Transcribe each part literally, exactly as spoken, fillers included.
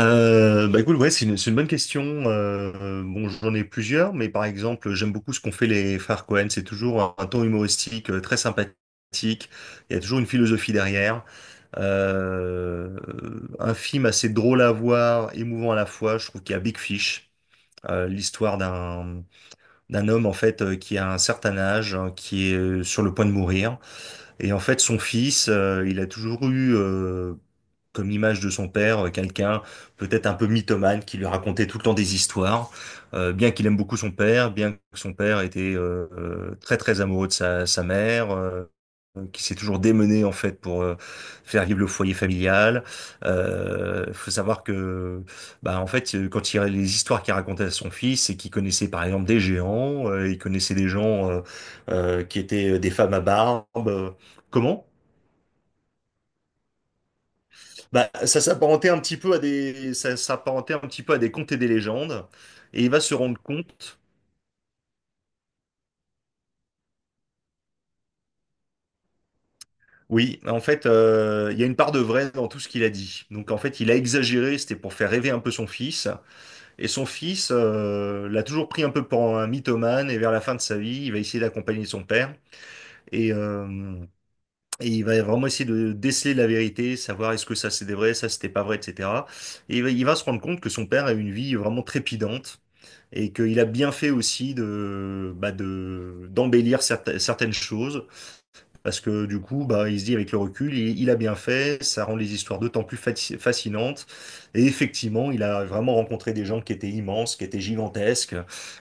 Euh, bah écoute, ouais, c'est une, c'est une bonne question. Euh, bon, j'en ai plusieurs, mais par exemple, j'aime beaucoup ce qu'ont fait les frères Cohen. C'est toujours un ton humoristique euh, très sympathique. Il y a toujours une philosophie derrière. Euh, un film assez drôle à voir, émouvant à la fois. Je trouve qu'il y a Big Fish, euh, l'histoire d'un d'un homme en fait euh, qui a un certain âge, hein, qui est euh, sur le point de mourir, et en fait son fils, euh, il a toujours eu euh, comme l'image de son père, euh, quelqu'un peut-être un peu mythomane qui lui racontait tout le temps des histoires. Euh, bien qu'il aime beaucoup son père, bien que son père était euh, euh, très très amoureux de sa, sa mère, euh, qui s'est toujours démené en fait pour euh, faire vivre le foyer familial. Euh, faut savoir que bah en fait euh, quand il les histoires qu'il racontait à son fils, c'est qu'il connaissait par exemple des géants, euh, il connaissait des gens euh, euh, qui étaient euh, des femmes à barbe. Euh, Comment? Bah, ça s'apparentait un petit peu à des, ça s'apparentait un petit peu à des contes et des légendes, et il va se rendre compte, oui, en fait, euh, il y a une part de vrai dans tout ce qu'il a dit. Donc en fait, il a exagéré, c'était pour faire rêver un peu son fils, et son fils euh, l'a toujours pris un peu pour un mythomane, et vers la fin de sa vie, il va essayer d'accompagner son père, et, euh, et il va vraiment essayer de déceler la vérité, savoir est-ce que ça c'était vrai, ça c'était pas vrai, et cetera. Et il va, il va se rendre compte que son père a eu une vie vraiment trépidante, et qu'il a bien fait aussi de, bah de, d'embellir certes- certaines choses, parce que du coup, bah, il se dit avec le recul, il, il a bien fait, ça rend les histoires d'autant plus fati- fascinantes. Et effectivement, il a vraiment rencontré des gens qui étaient immenses, qui étaient gigantesques,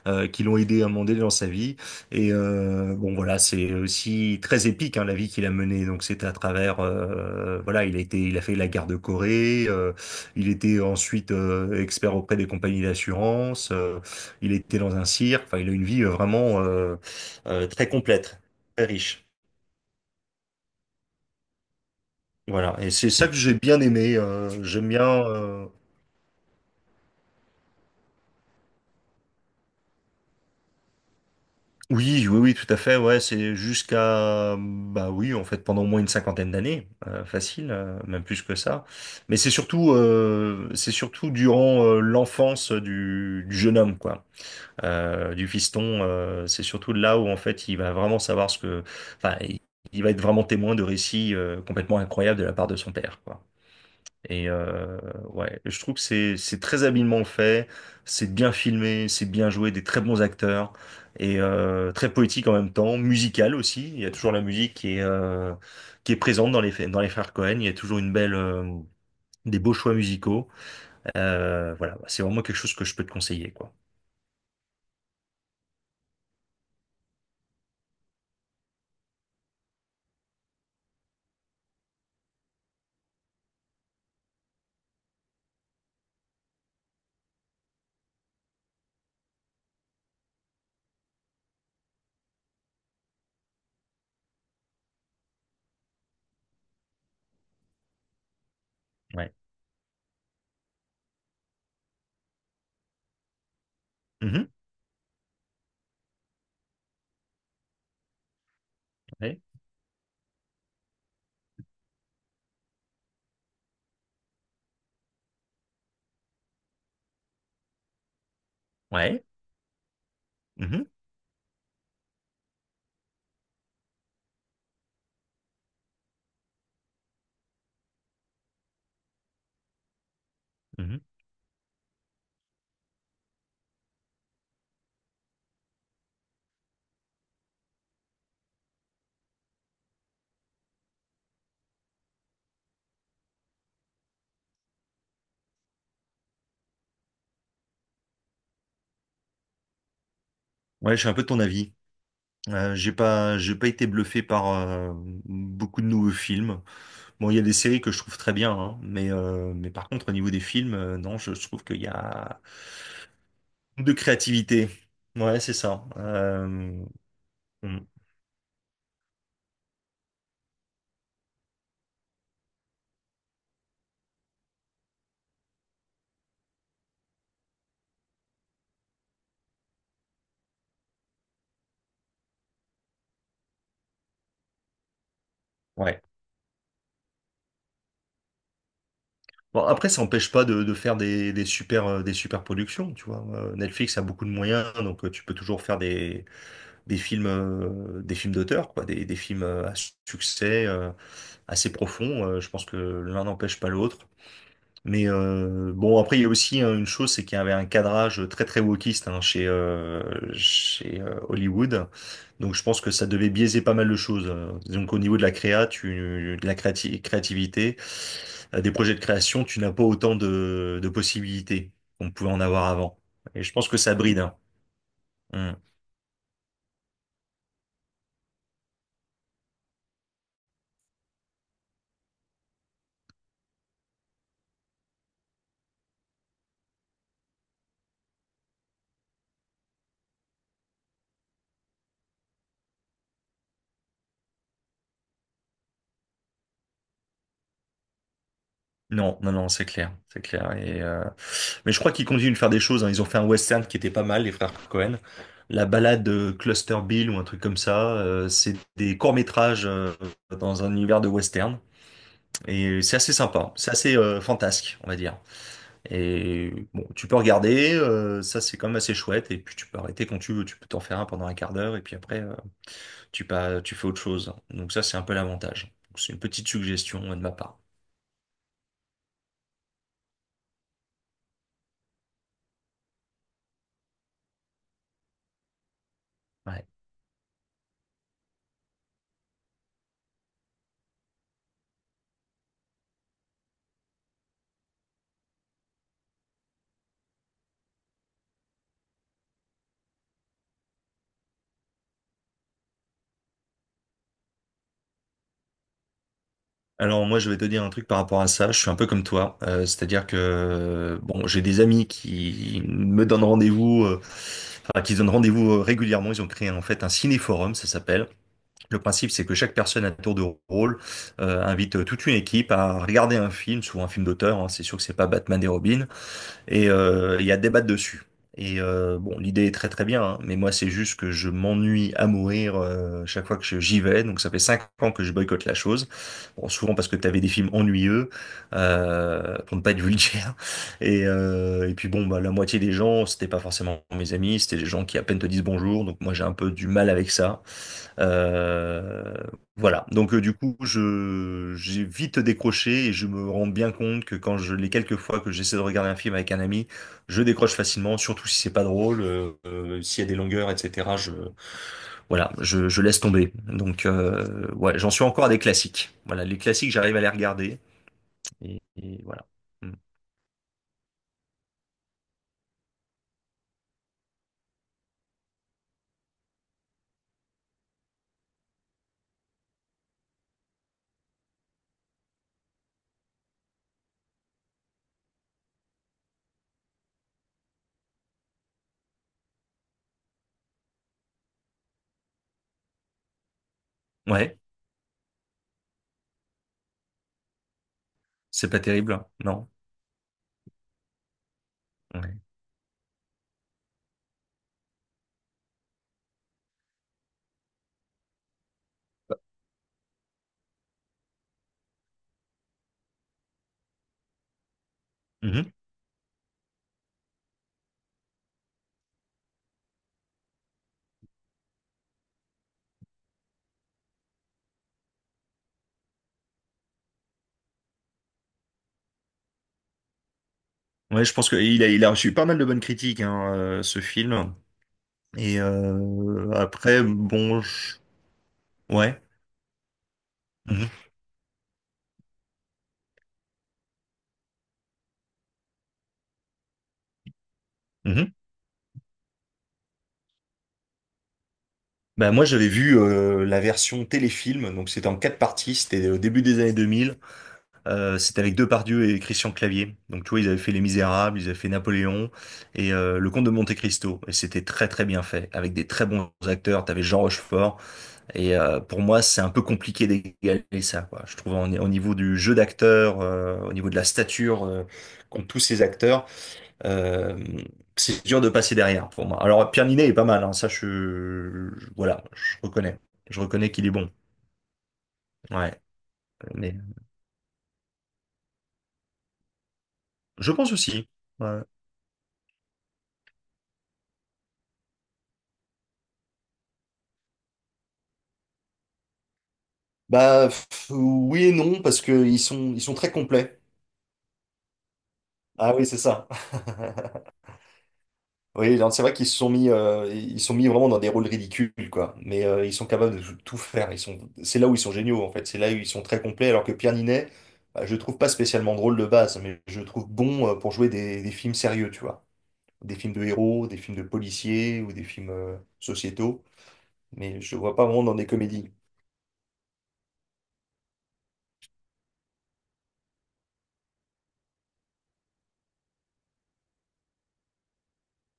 euh, qui l'ont aidé à monter dans sa vie. Et euh, bon, voilà, c'est aussi très épique hein, la vie qu'il a menée. Donc c'était à travers, euh, voilà, il a été, il a fait la guerre de Corée. Euh, il était ensuite euh, expert auprès des compagnies d'assurance. Euh, il était dans un cirque. Enfin, il a une vie euh, vraiment euh, euh, très complète, très riche. Voilà, et c'est ça que j'ai bien aimé. Euh, j'aime bien. euh, Oui, oui, oui, tout à fait. Ouais, c'est jusqu'à bah oui, en fait, pendant au moins une cinquantaine d'années, euh, facile, euh, même plus que ça. Mais c'est surtout, euh, c'est surtout durant euh, l'enfance du, du jeune homme, quoi, euh, du fiston. Euh, c'est surtout là où en fait, il va vraiment savoir ce que, enfin, il il va être vraiment témoin de récits euh, complètement incroyables de la part de son père, quoi. Et euh, ouais, je trouve que c'est c'est très habilement fait, c'est bien filmé, c'est bien joué, des très bons acteurs et euh, très poétique en même temps, musical aussi. Il y a toujours la musique qui est euh, qui est présente dans les dans les frères Cohen. Il y a toujours une belle euh, des beaux choix musicaux. Euh, voilà, c'est vraiment quelque chose que je peux te conseiller quoi. Ouais. Mhm. Ouais. Ouais. Mhm. Mhm. Ouais, je suis un peu de ton avis. Euh, j'ai pas, j'ai pas été bluffé par euh, beaucoup de nouveaux films. Bon, il y a des séries que je trouve très bien, hein, mais, euh, mais par contre, au niveau des films, euh, non, je, je trouve qu'il y a de créativité. Ouais, c'est ça. Euh, mm, ouais. Bon, après, ça n'empêche pas de, de faire des, des super, euh, des super productions, tu vois. Euh, Netflix a beaucoup de moyens, donc euh, tu peux toujours faire des, des films, euh, des films d'auteur, quoi, des, des films euh, à succès, euh, assez profonds. Euh, je pense que l'un n'empêche pas l'autre. Mais euh, bon, après, il y a aussi hein, une chose, c'est qu'il y avait un cadrage très très wokiste hein, chez, euh, chez euh, Hollywood. Donc je pense que ça devait biaiser pas mal de choses. Euh, Donc au niveau de la créa, tu, de la créati- créativité, euh, des projets de création, tu n'as pas autant de, de possibilités qu'on pouvait en avoir avant. Et je pense que ça bride, hein. Mm. Non, non, non, c'est clair, c'est clair. Et euh, mais je crois qu'ils continuent de faire des choses, hein. Ils ont fait un western qui était pas mal, les frères Cohen. La balade euh, Cluster Bill ou un truc comme ça. Euh, c'est des courts-métrages euh, dans un univers de western. Et c'est assez sympa. C'est assez euh, fantasque, on va dire. Et bon, tu peux regarder. Euh, ça, c'est quand même assez chouette. Et puis tu peux arrêter quand tu veux. Tu peux t'en faire un pendant un quart d'heure. Et puis après, euh, tu pas, tu fais autre chose. Donc ça, c'est un peu l'avantage. Donc, c'est une petite suggestion euh, de ma part. Ouais. Alors moi je vais te dire un truc par rapport à ça, je suis un peu comme toi. Euh, c'est-à-dire que bon j'ai des amis qui me donnent rendez-vous, euh, enfin qui se donnent rendez-vous euh, régulièrement, ils ont créé en fait un ciné-forum, ça s'appelle. Le principe c'est que chaque personne à tour de rôle euh, invite euh, toute une équipe à regarder un film, souvent un film d'auteur, hein. C'est sûr que c'est pas Batman et Robin, et euh, il y a débat dessus. Et euh, bon, l'idée est très très bien, hein, mais moi c'est juste que je m'ennuie à mourir euh, chaque fois que je- j'y vais. Donc ça fait cinq ans que je boycotte la chose. Bon, souvent parce que tu avais des films ennuyeux, euh, pour ne pas être vulgaire. Et, euh, et puis bon, bah, la moitié des gens, c'était pas forcément mes amis, c'était des gens qui à peine te disent bonjour. Donc moi j'ai un peu du mal avec ça. Euh, voilà, donc euh, du coup, je j'ai vite décroché et je me rends bien compte que quand je les quelques fois que j'essaie de regarder un film avec un ami, je décroche facilement, surtout si c'est pas drôle, euh, euh, s'il y a des longueurs, et cetera. Je Voilà, je, je laisse tomber. Donc euh, ouais, j'en suis encore à des classiques. Voilà, les classiques, j'arrive à les regarder et, et voilà. Mm. Ouais, c'est pas terrible, hein. Non. Ouais. Mhm. Ouais, je pense que il a il a reçu pas mal de bonnes critiques hein, euh, ce film. Et euh, après, bon, je- ouais. Mhm. Bah, moi, j'avais vu euh, la version téléfilm, donc c'était en quatre parties, c'était au début des années deux mille. Euh, c'était avec Depardieu et Christian Clavier. Donc, tu vois, ils avaient fait Les Misérables, ils avaient fait Napoléon et euh, Le Comte de Monte-Cristo. Et c'était très, très bien fait, avec des très bons acteurs. T'avais Jean Rochefort. Et euh, pour moi, c'est un peu compliqué d'égaler ça, quoi. Je trouve en- au niveau du jeu d'acteur, euh, au niveau de la stature euh, qu'ont tous ces acteurs. Euh, c'est dur de passer derrière pour moi. Alors, Pierre Ninet est pas mal, hein, ça je, je- voilà, je reconnais. Je reconnais qu'il est bon. Ouais, mais je pense aussi. Ouais. Bah pff, oui et non, parce qu'ils sont, ils sont très complets. Ah oui, c'est ça. Oui, non, c'est vrai qu'ils se sont mis, euh, ils sont mis vraiment dans des rôles ridicules, quoi. Mais euh, ils sont capables de tout faire. Ils sont, c'est là où ils sont géniaux, en fait. C'est là où ils sont très complets. Alors que Pierre Ninet, bah, je le trouve pas spécialement drôle de base, mais je le trouve bon euh, pour jouer des, des films sérieux, tu vois. Des films de héros, des films de policiers ou des films euh, sociétaux, mais je le vois pas vraiment dans des comédies.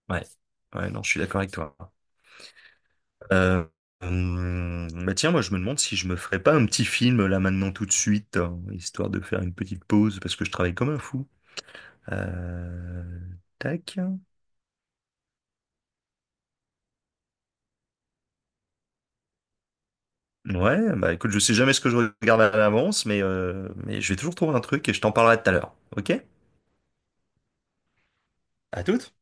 Ouais, ouais, non, je suis d'accord avec toi. Euh, hum, Bah tiens, moi je me demande si je me ferais pas un petit film là maintenant tout de suite, hein, histoire de faire une petite pause parce que je travaille comme un fou. Euh, Tac. Ouais, bah écoute, je sais jamais ce que je regarde à l'avance, mais euh, mais je vais toujours trouver un truc et je t'en parlerai tout à l'heure. Ok? À toutes.